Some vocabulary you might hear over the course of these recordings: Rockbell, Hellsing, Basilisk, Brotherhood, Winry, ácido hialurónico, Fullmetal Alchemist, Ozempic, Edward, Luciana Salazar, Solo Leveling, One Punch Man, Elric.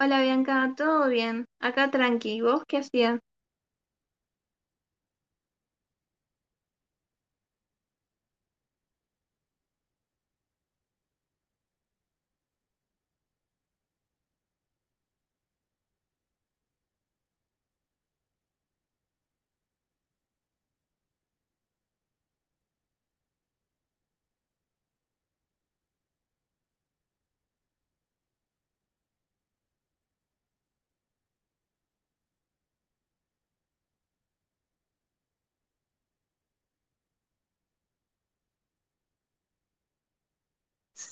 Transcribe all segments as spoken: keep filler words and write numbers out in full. Hola Bianca, ¿todo bien? Acá tranqui, ¿vos qué hacías?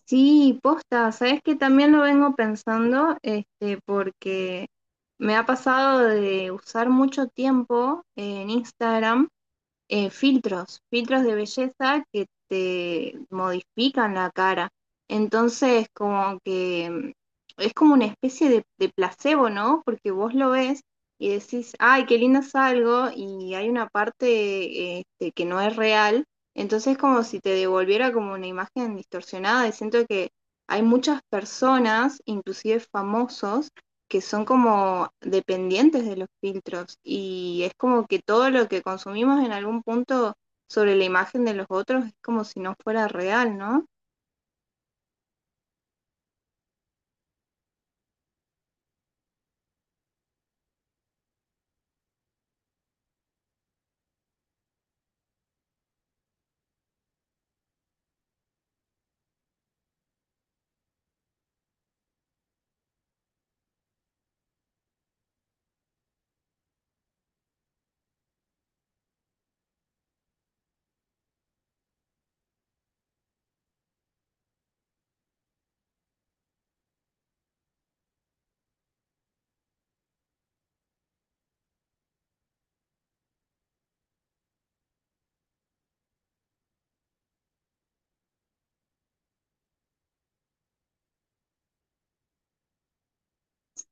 Sí, posta, sabes que también lo vengo pensando, este, porque me ha pasado de usar mucho tiempo en Instagram eh, filtros, filtros de belleza que te modifican la cara. Entonces, como que mm, es como una especie de, de placebo, ¿no? Porque vos lo ves y decís, ay, qué lindo salgo, y hay una parte eh, este, que no es real. Entonces, como si te devolviera como una imagen distorsionada. Y siento que hay muchas personas, inclusive famosos, que son como dependientes de los filtros y es como que todo lo que consumimos en algún punto sobre la imagen de los otros es como si no fuera real, ¿no?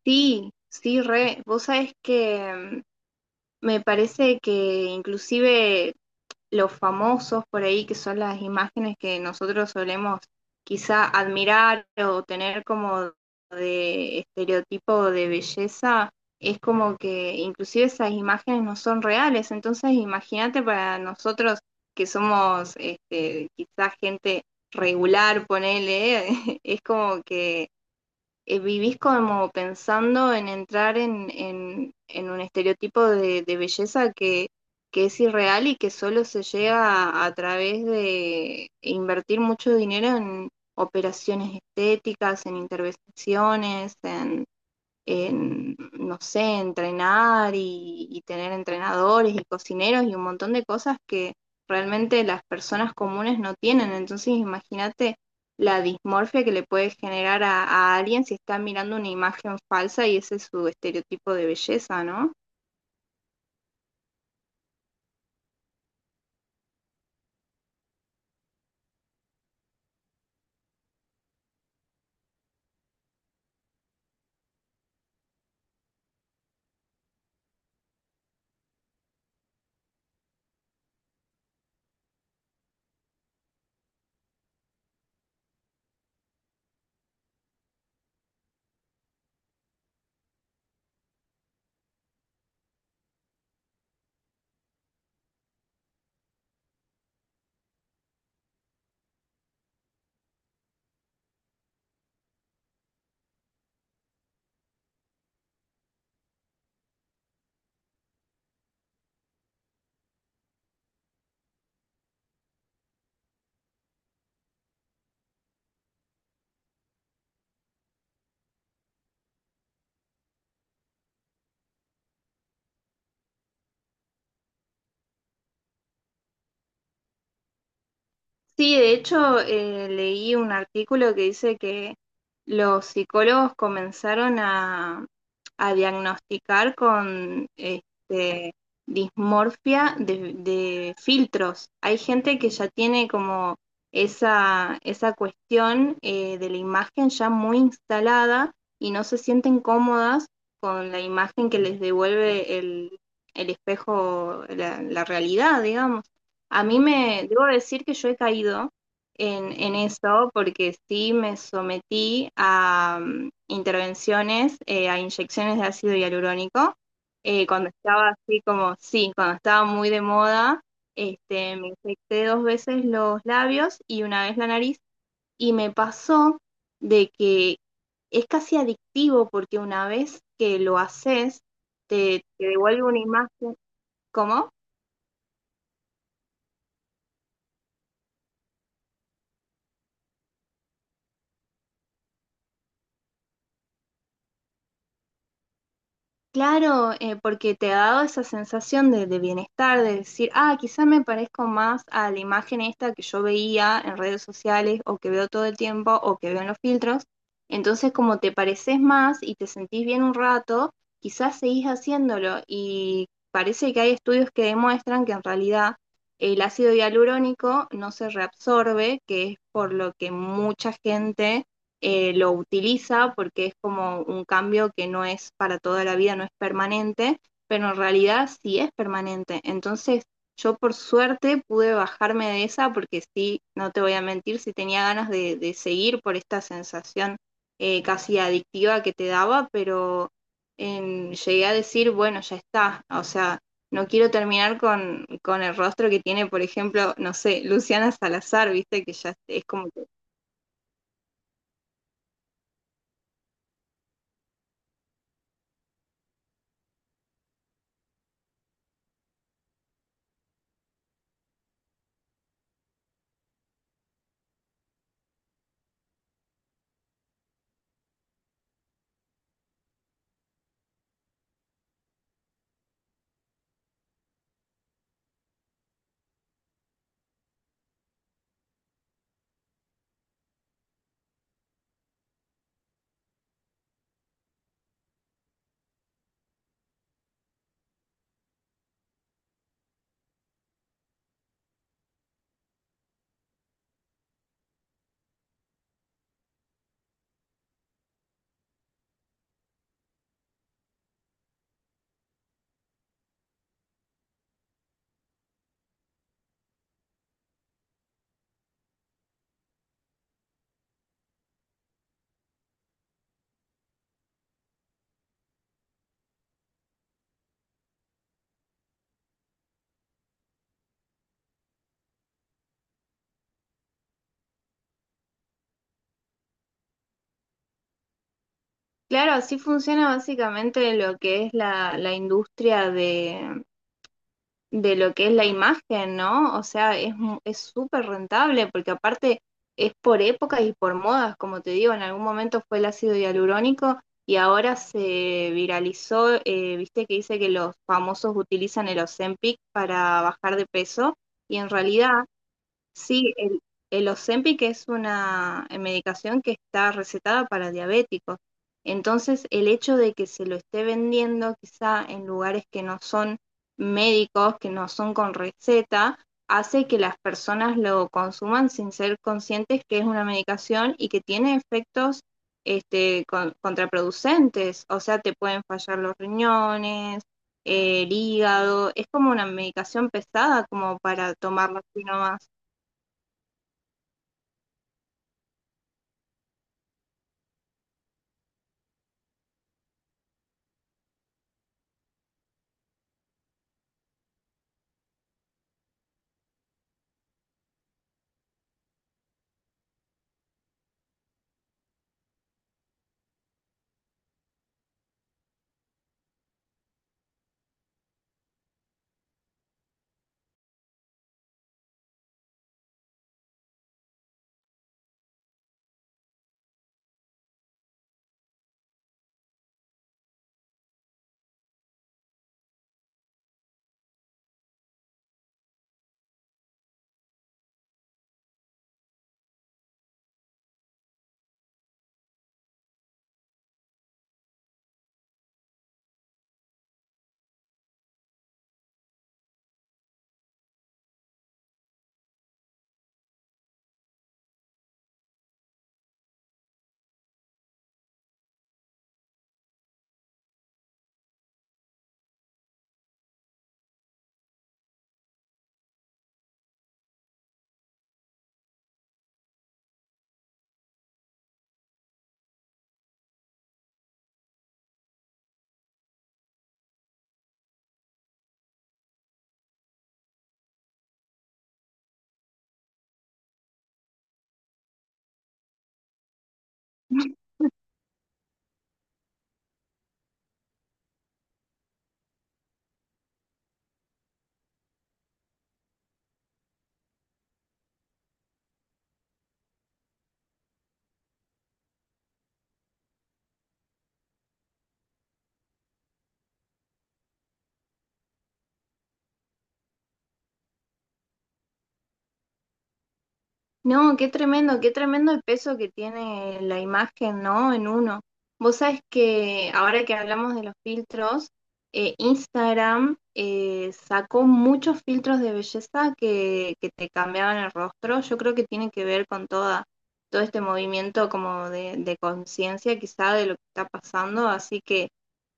Sí, sí, re. Vos sabés que mm, me parece que inclusive los famosos por ahí, que son las imágenes que nosotros solemos quizá admirar o tener como de estereotipo de belleza, es como que inclusive esas imágenes no son reales. Entonces, imagínate para nosotros que somos este, quizá gente regular, ponele, es como que eh, vivís como pensando en entrar en, en- en un estereotipo de, de belleza que, que es irreal y que solo se llega a, a través de invertir mucho dinero en operaciones estéticas, en intervenciones, en en, no sé, entrenar y, y tener entrenadores y cocineros y un montón de cosas que realmente las personas comunes no tienen. Entonces, imagínate la dismorfia que le puede generar a, a alguien si está mirando una imagen falsa y ese es su estereotipo de belleza, ¿no? Sí, de hecho, eh, leí un artículo que dice que los psicólogos comenzaron a, a diagnosticar con este, dismorfia de, de filtros. Hay gente que ya tiene como esa, esa cuestión eh, de la imagen ya muy instalada y no se sienten cómodas con la imagen que les devuelve el, el espejo, la la realidad, digamos. A mí me, debo decir que yo he caído en, en eso porque sí me sometí a mm, intervenciones, eh, a inyecciones de ácido hialurónico, eh, cuando estaba así como, sí, cuando estaba muy de moda, este, me infecté dos veces los labios y una vez la nariz y me pasó de que es casi adictivo porque una vez que lo haces, te, te devuelve una imagen, ¿cómo? Claro, eh, porque te ha dado esa sensación de, de bienestar, de decir, ah, quizá me parezco más a la imagen esta que yo veía en redes sociales o que veo todo el tiempo o que veo en los filtros. Entonces, como te pareces más y te sentís bien un rato, quizás seguís haciéndolo y parece que hay estudios que demuestran que en realidad el ácido hialurónico no se reabsorbe, que es por lo que mucha gente eh, lo utiliza porque es como un cambio que no es para toda la vida, no es permanente, pero en realidad sí es permanente. Entonces yo por suerte pude bajarme de esa porque sí, no te voy a mentir, sí tenía ganas de, de seguir por esta sensación eh, casi adictiva que te daba, pero en- llegué a decir, bueno, ya está, o sea, no quiero terminar con, con el rostro que tiene, por ejemplo, no sé, Luciana Salazar, viste, que ya es como que Claro, sí funciona básicamente lo que es la, la industria de, de lo que es la imagen, ¿no? O sea, es mu- es súper rentable porque aparte es por épocas y por modas, como te digo, en algún momento fue el ácido hialurónico y ahora se viralizó, eh, viste que dice que los famosos utilizan el Ozempic para bajar de peso y en realidad sí, el, el Ozempic es una eh, medicación que está recetada para diabéticos. Entonces, el hecho de que se lo esté vendiendo quizá en lugares que no son médicos, que no son con receta, hace que las personas lo consuman sin ser conscientes que es una medicación y que tiene efectos este, con- contraproducentes. O sea, te pueden fallar los riñones, eh, el hígado. Es como una medicación pesada como para tomarla así nomás. No, qué tremendo, qué tremendo el peso que tiene la imagen, ¿no? En uno. Vos sabés que ahora que hablamos de los filtros, eh, Instagram eh, sacó muchos filtros de belleza que, que te cambiaban el rostro. Yo creo que tiene que ver con toda, todo este movimiento como de, de conciencia quizá de lo que está pasando. Así que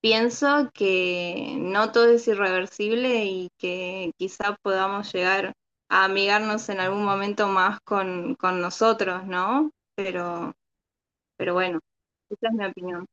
pienso que no todo es irreversible y que quizá podamos llegar a amigarnos en algún momento más con, con nosotros, ¿no? Pero, pero bueno, esa es mi opinión.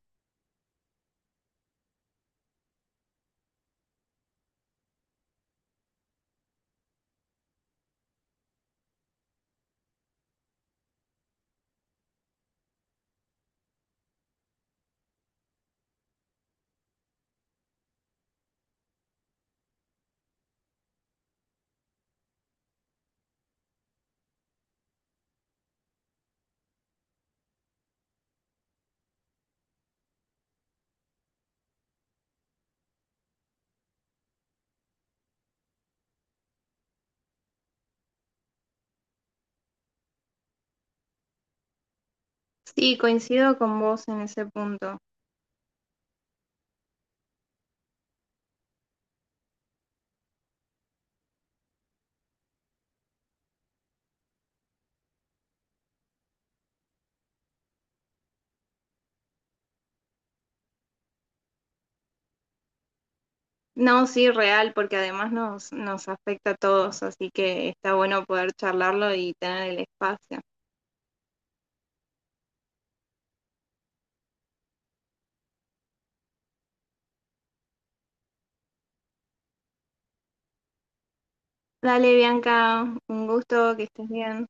Sí, coincido con vos en ese punto. No, sí, real, porque además nos, nos afecta a todos, así que está bueno poder charlarlo y tener el espacio. Dale, Bianca, un gusto, que estés bien.